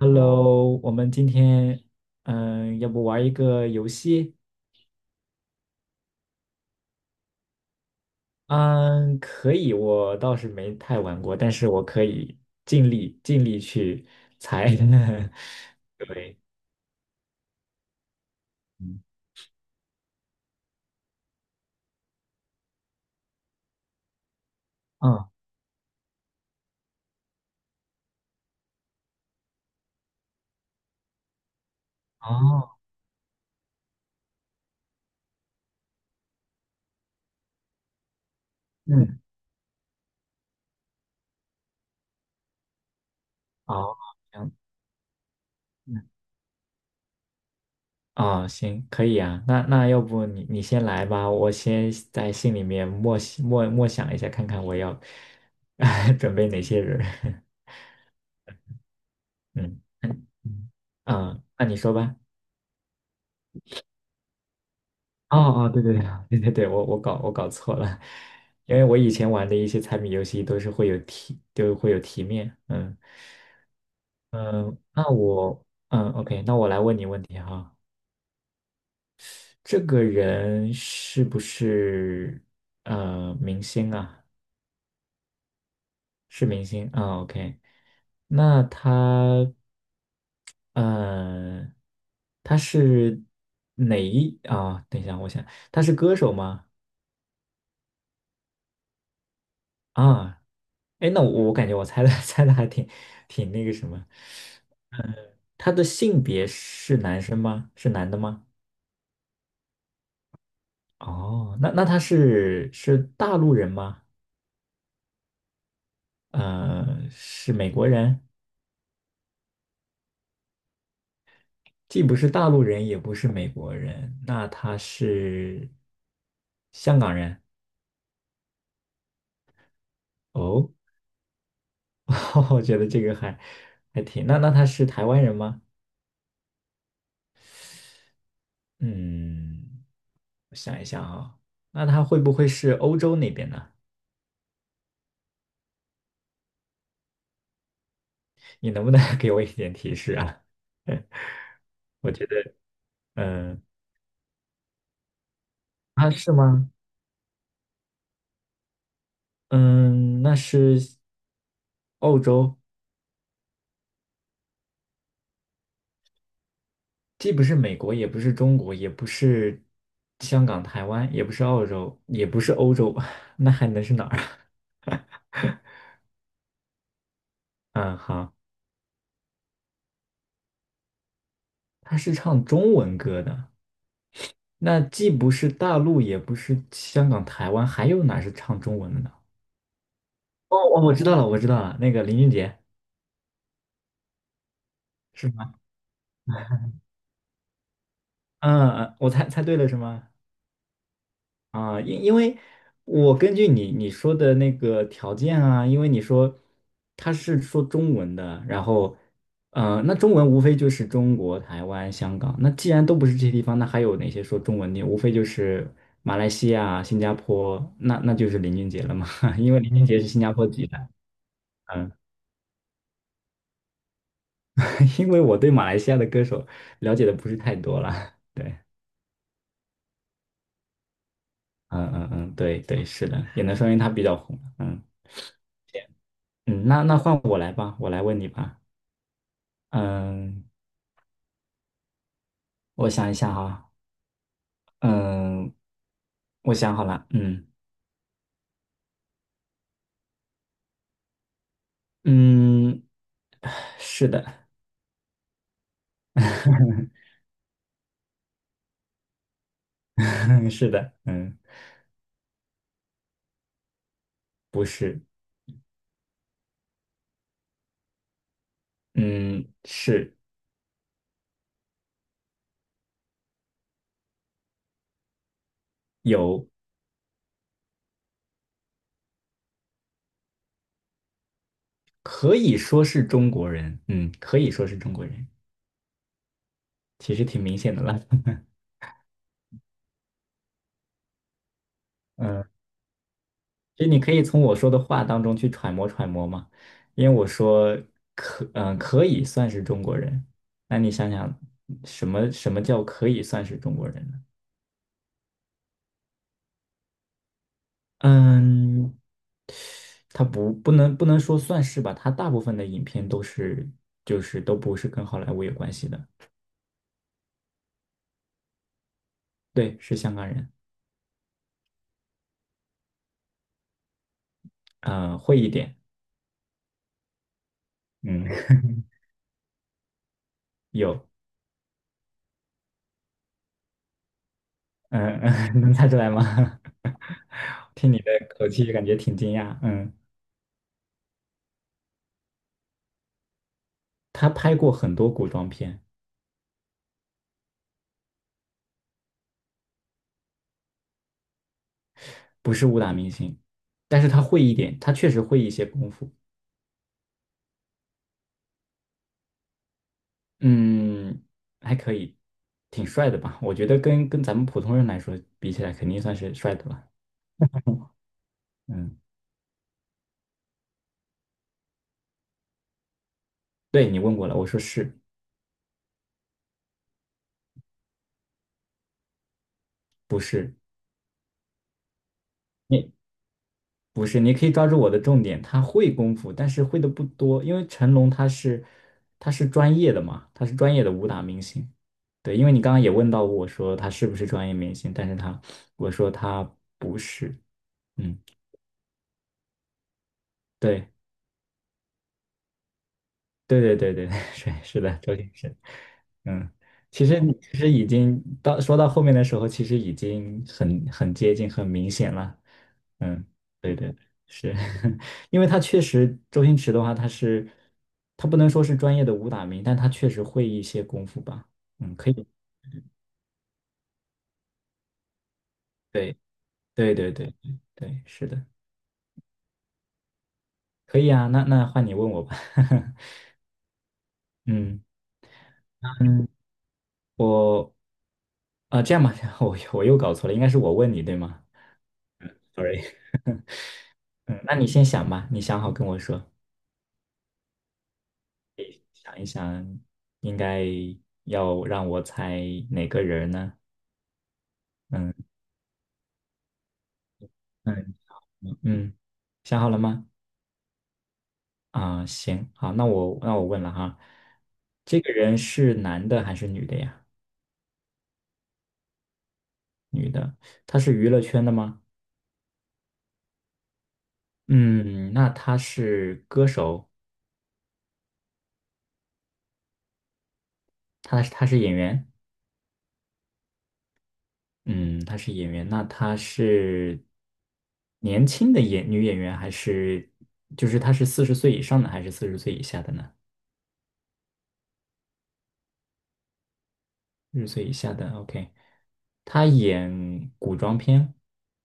Hello，我们今天要不玩一个游戏？嗯，可以，我倒是没太玩过，但是我可以尽力尽力去猜。对，嗯，嗯，哦，嗯，哦，这样，嗯，哦，行，可以啊。那要不你先来吧，我先在心里面默默想一下，看看我要 准备哪些人。嗯，嗯嗯，啊那你说吧。哦哦，对对对对对对，我搞错了，因为我以前玩的一些猜谜游戏都是会有题，都会有题面。嗯嗯，那我OK，那我来问你问题哈。这个人是不是明星啊？是明星啊，OK。那他呃是哪一啊？等一下，我想他是歌手吗？啊，哎，那我感觉我猜的 猜的还挺那个什么。他的性别是男生吗？是男的吗？哦，那他是大陆人吗？是美国人，既不是大陆人，也不是美国人，那他是香港人。哦，我觉得这个还挺，那他是台湾人吗？嗯，我想一想啊，那他会不会是欧洲那边呢？你能不能 给我一点提示啊？嗯，我觉得，嗯，啊，是吗？嗯，那是澳洲，既不是美国，也不是中国，也不是香港、台湾，也不是澳洲，也不是欧洲，那还能是哪儿啊？嗯，好，他是唱中文歌的，那既不是大陆，也不是香港、台湾，还有哪是唱中文的呢？哦，我知道了，我知道了，那个林俊杰是吗？嗯嗯，我猜对了是吗？啊，因为我根据你说的那个条件啊，因为你说他是说中文的，然后，那中文无非就是中国、台湾、香港，那既然都不是这些地方，那还有哪些说中文的？无非就是马来西亚、新加坡，那就是林俊杰了嘛，因为林俊杰是新加坡籍的。嗯，因为我对马来西亚的歌手了解的不是太多了，对。嗯嗯嗯，对对，是的，也能说明他比较红，嗯。嗯，那换我来吧，我来问你吧。嗯，我想一下哈，嗯，我想好了。嗯嗯，是的，是的。嗯，不是。嗯，是。有，可以说是中国人，嗯，可以说是中国人，其实挺明显的了。嗯，其实你可以从我说的话当中去揣摩揣摩嘛，因为我说可以算是中国人，那你想想，什么什么叫可以算是中国人呢？嗯，他不能说算是吧，他大部分的影片都是都不是跟好莱坞有关系的。对，是香港人。会一点。嗯，有。嗯嗯，能猜出来吗？听你的口气感觉挺惊讶。嗯，他拍过很多古装片。不是武打明星，但是他会一点，他确实会一些功夫。嗯，还可以，挺帅的吧？我觉得跟咱们普通人来说比起来，肯定算是帅的了。嗯，对，你问过了，我说是。不是？你不是，你可以抓住我的重点。他会功夫，但是会的不多，因为成龙他是专业的嘛，他是专业的武打明星。对，因为你刚刚也问到我说他是不是专业明星，但是我说他不是。嗯，对。对对对对，是的，周星驰。嗯，其实其实已经到说到后面的时候，其实已经很接近、很明显了。嗯，对对，是 因为他确实周星驰的话，他不能说是专业的武打名，但他确实会一些功夫吧。嗯，可以，对对对对对对，是的，可以啊。那换你问我吧。嗯，我这样吧，我又搞错了，应该是我问你对吗？sorry 嗯，那你先想吧，你想好跟我说，想一想，应该要让我猜哪个人呢？嗯嗯嗯，想好了吗？啊，行，好，那我问了哈。这个人是男的还是女的呀？女的。她是娱乐圈的吗？嗯，那她是歌手。她是演员。嗯，她是演员，那她是年轻的女演员还是就是她是四十岁以上的还是四十岁以下的呢？六岁以下的，OK。他演古装片，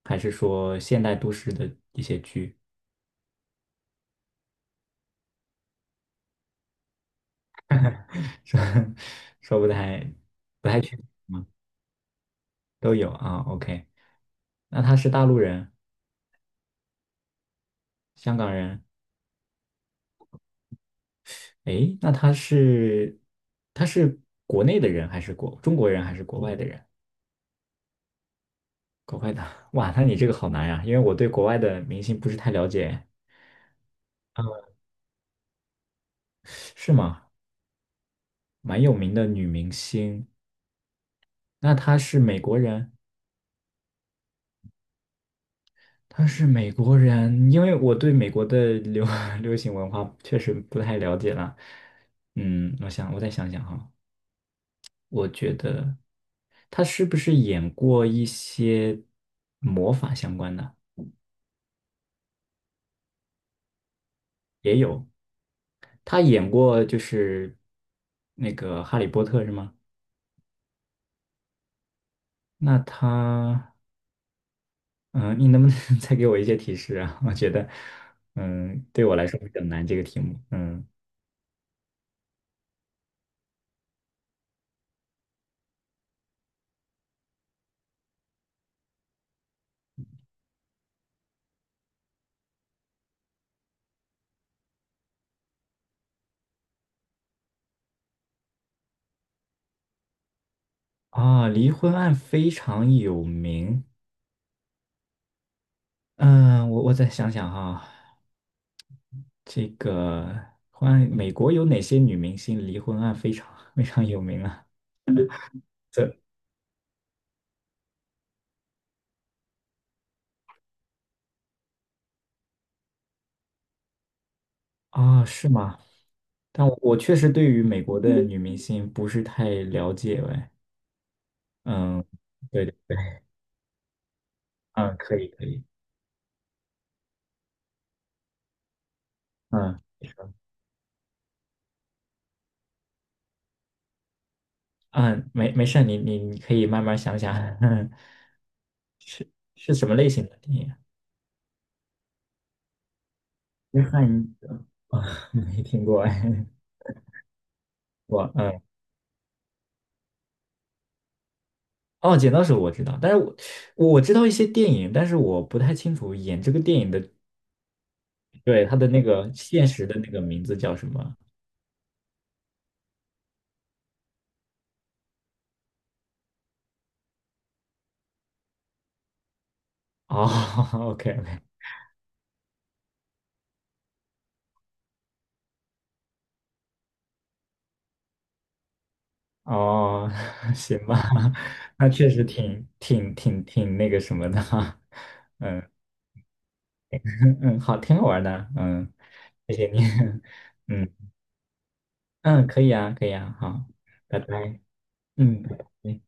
还是说现代都市的一些剧？说说不太确定，都有啊，OK。那他是大陆人、香港人，诶，那他是他是国内的人还是中国人还是国外的人？国外的，哇，那你这个好难呀，因为我对国外的明星不是太了解。是吗？蛮有名的女明星，那她是美国人？他是美国人，因为我对美国的流 流行文化确实不太了解了。嗯，我想我再想想哈，我觉得他是不是演过一些魔法相关的？也有，他演过就是那个《哈利波特》是吗？那他，嗯，你能不能 再给我一些提示啊？我觉得，对我来说比较难这个题目。嗯，啊，离婚案非常有名。嗯，我再想想哈，这个关于美国有哪些女明星离婚案非常 非常有名啊？这啊，是吗？但我确实对于美国的女明星不是太了解哎。嗯，对对对，嗯，可以可以。嗯嗯，没事儿你可以慢慢想想。是是什么类型的电影？约翰啊，没听过哎，我嗯。哦，剪刀手我知道，但是我知道一些电影，但是我不太清楚演这个电影的，对，他的那个现实的那个名字叫什么？哦 ，OK OK，哦，行吧，那确实挺那个什么的哈，嗯嗯，好，挺好玩的，嗯，谢谢你，嗯嗯，可以啊，可以啊，好，拜拜，嗯。拜拜。